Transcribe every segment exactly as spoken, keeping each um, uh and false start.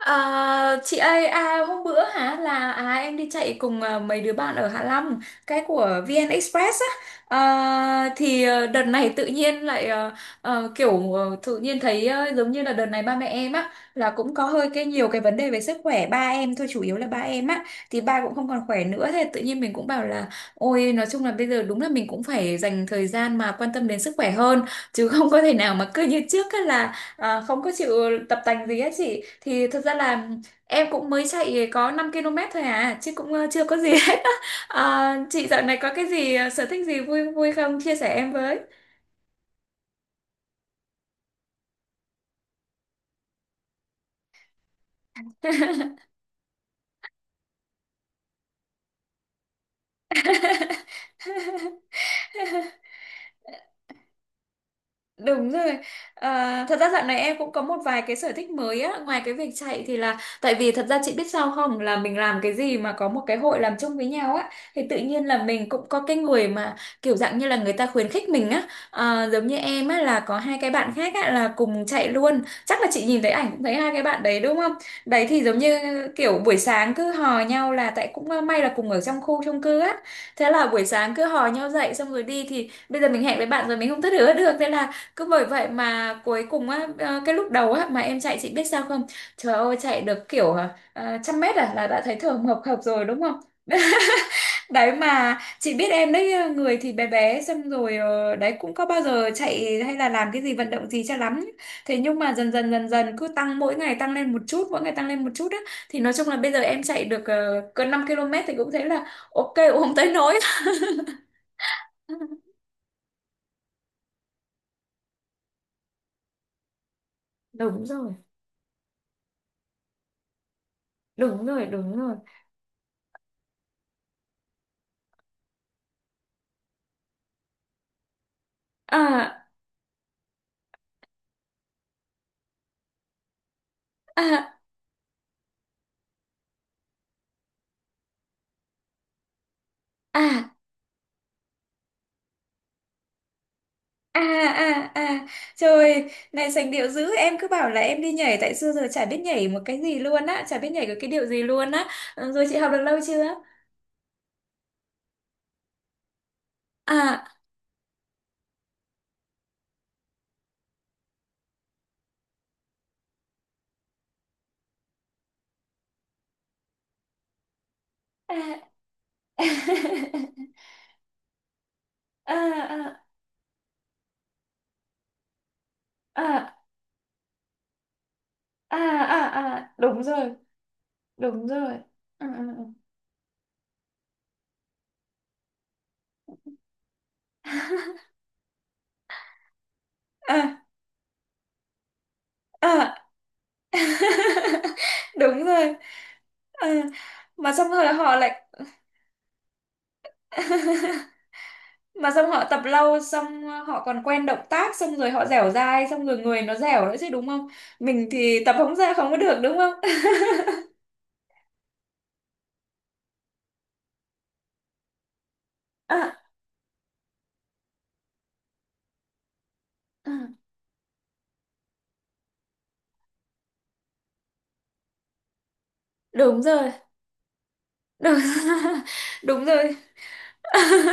À, chị ơi à, hôm bữa hả là à, em đi chạy cùng à, mấy đứa bạn ở Hạ Long, cái của vê en Express á. À, thì ờ, đợt này tự nhiên lại ờ, ờ, kiểu ờ, tự nhiên thấy ờ, giống như là đợt này ba mẹ em á là cũng có hơi cái nhiều cái vấn đề về sức khỏe, ba em thôi, chủ yếu là ba em á, thì ba cũng không còn khỏe nữa. Thế tự nhiên mình cũng bảo là ôi nói chung là bây giờ đúng là mình cũng phải dành thời gian mà quan tâm đến sức khỏe hơn, chứ không có thể nào mà cứ như trước á là. À, không có chịu tập tành gì hết chị, thì thật ra là em cũng mới chạy có năm ki lô mét thôi à, chứ cũng ờ, chưa có gì hết á. À, chị dạo này có cái gì ờ, sở thích gì vui vui không, chia sẻ em với. Đúng rồi. À, thật ra dạo này em cũng có một vài cái sở thích mới á, ngoài cái việc chạy thì là tại vì thật ra chị biết sao không, là mình làm cái gì mà có một cái hội làm chung với nhau á, thì tự nhiên là mình cũng có cái người mà kiểu dạng như là người ta khuyến khích mình á. À, giống như em á, là có hai cái bạn khác á là cùng chạy luôn. Chắc là chị nhìn thấy ảnh cũng thấy hai cái bạn đấy đúng không? Đấy thì giống như kiểu buổi sáng cứ hò nhau, là tại cũng ờ, may là cùng ở trong khu chung cư á. Thế là buổi sáng cứ hò nhau dậy xong rồi đi, thì bây giờ mình hẹn với bạn rồi mình không thất hứa được, thế là cứ bởi vậy mà cuối cùng á. ờ, cái lúc đầu á mà em chạy, chị biết sao không? Trời ơi, chạy được kiểu ờ, ờ, trăm mét à là đã thấy thở hồng hộc rồi đúng không? Đấy, mà chị biết em đấy, ờ, người thì bé bé, xong rồi ờ, đấy cũng có bao giờ chạy hay là làm cái gì vận động gì cho lắm. Thế nhưng mà dần dần dần dần cứ tăng, mỗi ngày tăng lên một chút, mỗi ngày tăng lên một chút á, thì nói chung là bây giờ em chạy được uh, gần năm ki lô mét thì cũng thấy là ok, cũng không tới nỗi. Đúng rồi, đúng rồi, đúng rồi. À, à, à. À, à, à. Trời này sành điệu dữ. Em cứ bảo là em đi nhảy. Tại xưa giờ chả biết nhảy một cái gì luôn á, chả biết nhảy cái, cái điệu gì luôn á. Ừ, rồi chị học được lâu chưa? À, à. À, à, à, à, à, à. Đúng rồi. Đúng rồi. Ừ, ừ, ừ. À, à. Đúng rồi. Ờ, mà xong rồi họ lại. Mà xong họ tập lâu, xong ờ, họ còn quen động tác, xong rồi họ dẻo dai, xong rồi người nó dẻo nữa chứ đúng không? Mình thì tập không ra, không có được đúng không. À, à, đúng rồi. Đúng, đúng rồi.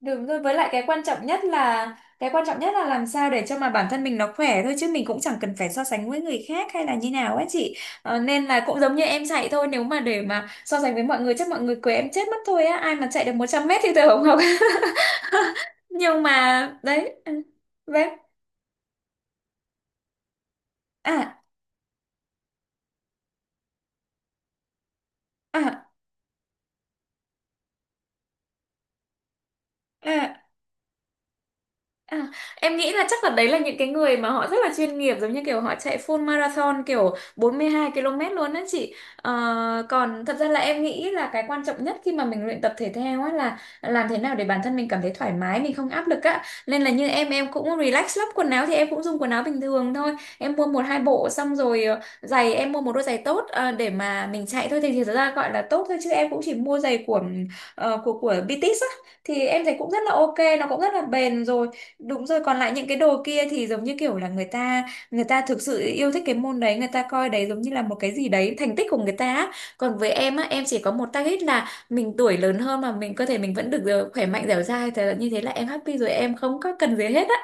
Đúng rồi, với lại cái quan trọng nhất là cái quan trọng nhất là làm sao để cho mà bản thân mình nó khỏe thôi, chứ mình cũng chẳng cần phải so sánh với người khác hay là như nào á chị. Ờ, nên là cũng giống như em chạy thôi, nếu mà để mà so sánh với mọi người chắc mọi người quấy em chết mất thôi á, ai mà chạy được một trăm mét thì tôi không học. Nhưng mà đấy. Ừ, đấy. À, à, à. À, em nghĩ là chắc là đấy là những cái người mà họ rất là chuyên nghiệp, giống như kiểu họ chạy full marathon kiểu bốn mươi hai ki lô mét luôn á chị. Ờ, còn thật ra là em nghĩ là cái quan trọng nhất khi mà mình luyện tập thể thao á là làm thế nào để bản thân mình cảm thấy thoải mái, mình không áp lực á. Nên là như em em cũng relax lắm, quần áo thì em cũng dùng quần áo bình thường thôi. Em mua một hai bộ, xong rồi ờ, giày em mua một đôi giày tốt ờ, để mà mình chạy thôi, thì thì thật ra gọi là tốt thôi, chứ em cũng chỉ mua giày của ờ, của của bi ti ét á, thì em thấy cũng rất là ok, nó cũng rất là bền rồi. Đúng rồi, còn lại những cái đồ kia thì giống như kiểu là người ta người ta thực sự yêu thích cái môn đấy, người ta coi đấy giống như là một cái gì đấy, thành tích của người ta á. Còn với em á, em chỉ có một target là mình tuổi lớn hơn mà mình cơ thể mình vẫn được ờ, khỏe mạnh dẻo dai, thế là như thế là em happy rồi, em không có cần gì hết á.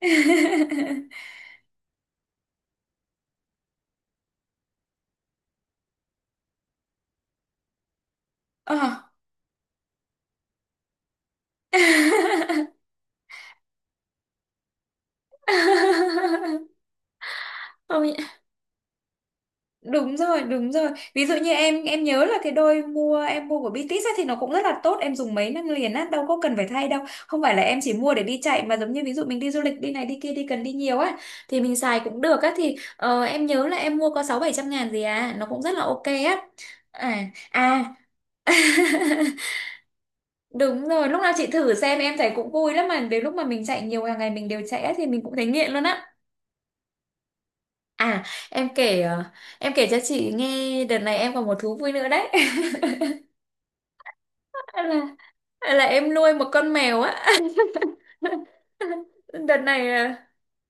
Ờ. Ôi, đúng rồi, đúng rồi. Ví dụ như em em nhớ là cái đôi mua, em mua của bi ti ét ấy, thì nó cũng rất là tốt, em dùng mấy năm liền á, đâu có cần phải thay đâu. Không phải là em chỉ mua để đi chạy, mà giống như ví dụ mình đi du lịch, đi này đi kia, đi cần đi nhiều á thì mình xài cũng được á. Thì ờ, em nhớ là em mua có sáu bảy trăm ngàn gì à, nó cũng rất là ok á. À, à. Đúng rồi, lúc nào chị thử xem, em thấy cũng vui lắm, mà đến lúc mà mình chạy nhiều, hàng ngày mình đều chạy á, thì mình cũng thấy nghiện luôn á. À, em kể ờ, em kể cho chị nghe đợt này em còn một thú vui nữa đấy. Hay là hay là em nuôi một con mèo á. Đợt này à,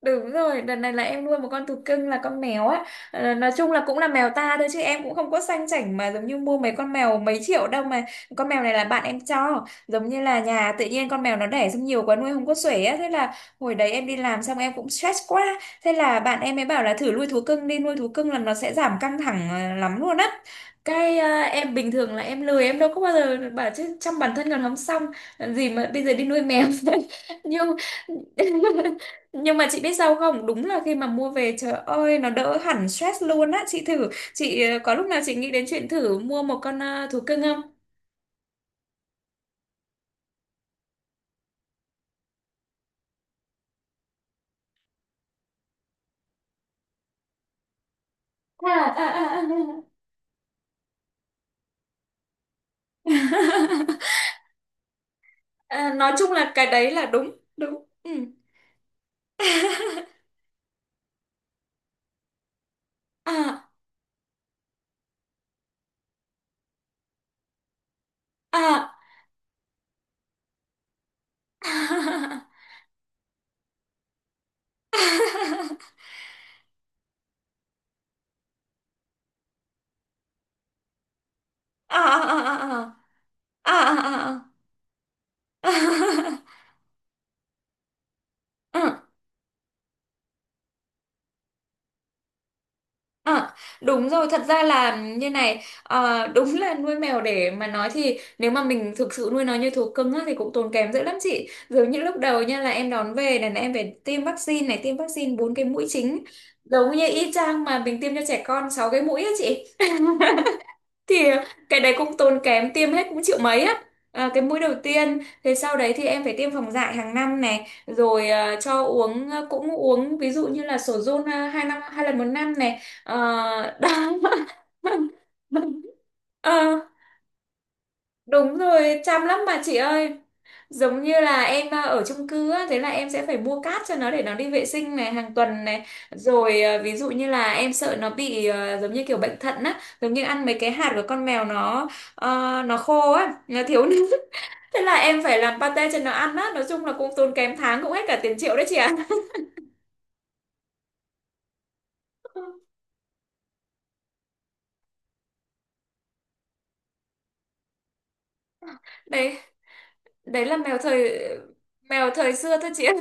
đúng rồi, đợt này là em nuôi một con thú cưng là con mèo á. Ờ, nói chung là cũng là mèo ta thôi, chứ em cũng không có sang chảnh mà giống như mua mấy con mèo mấy triệu đâu mà. Con mèo này là bạn em cho. Giống như là nhà tự nhiên con mèo nó đẻ, xong nhiều quá nuôi không có xuể á. Thế là hồi đấy em đi làm xong em cũng stress quá. Thế là bạn em mới bảo là thử nuôi thú cưng đi, nuôi thú cưng là nó sẽ giảm căng thẳng ờ, lắm luôn á. Cái ờ, em bình thường là em lười, em đâu có bao giờ bảo, chứ chăm bản thân còn không xong, làm gì mà bây giờ đi nuôi mèo. Nhưng. Nhưng mà chị biết sao không? Đúng là khi mà mua về trời ơi nó đỡ hẳn stress luôn á. Chị thử, chị ờ, có lúc nào chị nghĩ đến chuyện thử mua một con ờ, thú cưng không? À, à, à, à. À, nói chung là cái đấy là đúng, đúng. Ừ. À, à, à. À, à, à, à, à, à, à. À, à, à, à, à, à, à. À, đúng rồi, thật ra là như này. Ờ, đúng là nuôi mèo để mà nói thì nếu mà mình thực sự nuôi nó như thú cưng á, thì cũng tốn kém dữ lắm chị. Giống như lúc đầu nha, là em đón về này, là em phải tiêm vaccine này, tiêm vaccine bốn cái mũi chính. Giống như y chang mà mình tiêm cho trẻ con sáu cái mũi á chị. Thì cái đấy cũng tốn kém, tiêm hết cũng triệu mấy á. À, cái mũi đầu tiên, thế sau đấy thì em phải tiêm phòng dại hàng năm này, rồi ờ, cho uống, ờ, cũng uống ví dụ như là sổ giôn ờ, hai năm hai lần một năm này. Ờ, đó. Ờ, đúng rồi, chăm lắm mà chị ơi. Giống như là em à, ở chung cư á, thế là em sẽ phải mua cát cho nó để nó đi vệ sinh này hàng tuần này. Rồi à, ví dụ như là em sợ nó bị à, giống như kiểu bệnh thận á, giống như ăn mấy cái hạt của con mèo nó ờ, nó khô á, nó thiếu nước. Thế là em phải làm pate cho nó ăn á, nói chung là cũng tốn kém, tháng cũng hết cả tiền triệu đấy chị ạ. Đấy, đấy là mèo thời mèo thời xưa thôi chị ạ.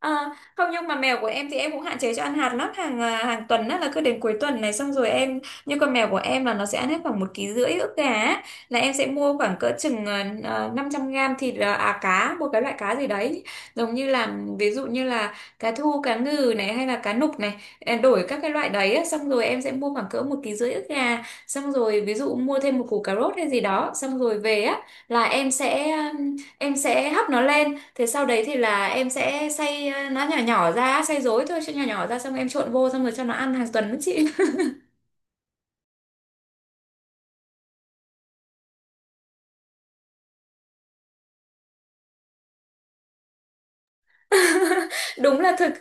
À, không nhưng mà mèo của em thì em cũng hạn chế cho ăn hạt lắm, hàng à, hàng tuần á là cứ đến cuối tuần này xong rồi em, như con mèo của em là nó sẽ ăn hết khoảng một ký rưỡi ức gà á. Là em sẽ mua khoảng cỡ chừng uh, năm trăm gram thịt, à à, cá, một cái loại cá gì đấy giống như là, ví dụ như là cá thu, cá ngừ này hay là cá nục này, em đổi các cái loại đấy á. Xong rồi em sẽ mua khoảng cỡ một ký rưỡi ức gà, xong rồi ví dụ mua thêm một củ cà rốt hay gì đó, xong rồi về á là em sẽ, em sẽ hấp nó lên. Thế sau đấy thì là em sẽ xay ờ, nó nhỏ nhỏ ra, xay dối thôi, cho nhỏ nhỏ ra xong em trộn vô xong rồi cho nó ăn hàng tuần đó chị. Đúng là thực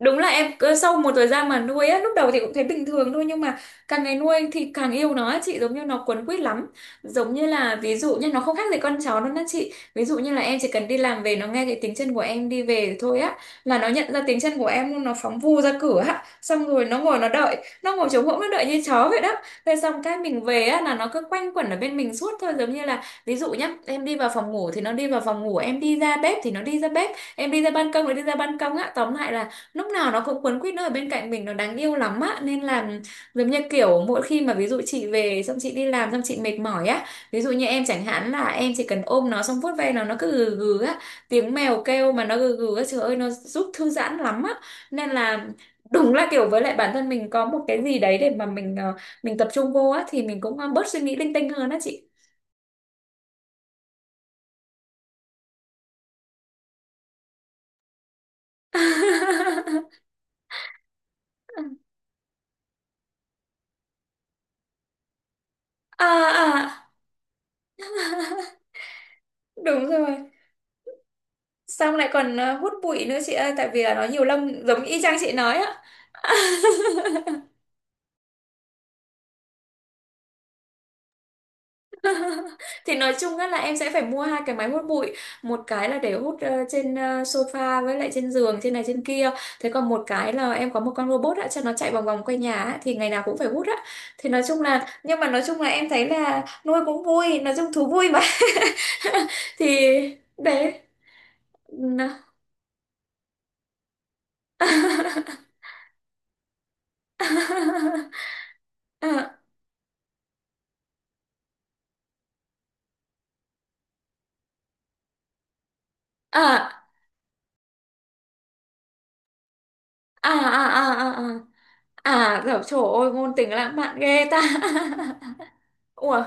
Đúng là em cứ sau một thời gian mà nuôi á, lúc đầu thì cũng thấy bình thường thôi nhưng mà càng ngày nuôi thì càng yêu nó á chị, giống như nó quấn quýt lắm. Giống như là ví dụ như nó không khác gì con chó đâu đó chị. Ví dụ như là em chỉ cần đi làm về, nó nghe cái tiếng chân của em đi về thôi á là nó nhận ra tiếng chân của em luôn, nó phóng vù ra cửa á, xong rồi nó ngồi nó đợi, nó ngồi trống hỗn nó đợi như chó vậy đó. Thế xong cái mình về á là nó cứ quanh quẩn ở bên mình suốt thôi, giống như là ví dụ nhá, em đi vào phòng ngủ thì nó đi vào phòng ngủ, em đi ra bếp thì nó đi ra bếp, em đi ra ban công nó đi ra ban công á, tóm lại là lúc nào nó cũng quấn quýt, nó ở bên cạnh mình, nó đáng yêu lắm á. Nên là giống như kiểu mỗi khi mà ví dụ chị về, xong chị đi làm xong chị mệt mỏi á, ví dụ như em chẳng hạn là em chỉ cần ôm nó xong vuốt ve nó nó cứ gừ gừ á, tiếng mèo kêu mà nó gừ gừ á, trời ơi nó giúp thư giãn lắm á. Nên là đúng là kiểu, với lại bản thân mình có một cái gì đấy để mà mình ờ, mình tập trung vô á thì mình cũng ờ, bớt suy nghĩ linh tinh hơn á chị. À, à, đúng rồi. Xong lại còn ờ, hút bụi nữa chị ơi, tại vì là nó nhiều lông giống y chang chị nói á. Thì nói chung á là em sẽ phải mua hai cái máy hút bụi, một cái là để hút ờ, trên ờ, sofa, với lại trên giường trên này trên kia. Thế còn một cái là em có một con robot á cho nó chạy vòng vòng quanh nhà á, thì ngày nào cũng phải hút á. Thì nói chung là, nhưng mà nói chung là em thấy là nuôi cũng vui, nói chung thú vui mà. Thì đấy. Nó- À, à, à, à, à, à. À, dở, trời ơi, ngôn tình lãng mạn ghê ta. Ủa,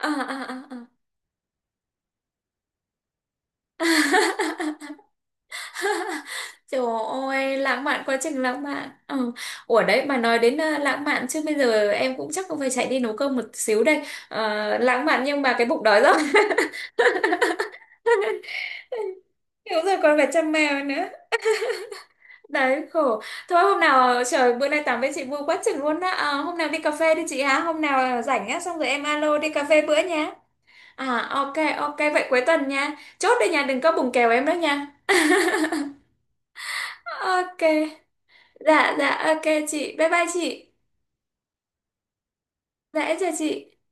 à, à, à. À. Trời ơi, lãng mạn quá trình lãng mạn. Ừ. Ủa đấy, mà nói đến ờ, lãng mạn chứ bây giờ em cũng chắc cũng phải chạy đi nấu cơm một xíu đây. Ờ, lãng mạn nhưng mà cái bụng đói rồi. Hiểu rồi, còn phải chăm mèo nữa. Đấy, khổ. Thôi hôm nào, ờ, trời, bữa nay tám với chị vui quá chừng luôn á. Ờ, hôm nào đi cà phê đi chị hả? Hôm nào rảnh á, xong rồi em alo đi cà phê bữa nhé. À, ok ok vậy cuối tuần nha. Chốt đây nha, đừng có bùng kèo em đó nha. Ok. Dạ dạ ok chị. Bye bye chị. Dạ em chào chị.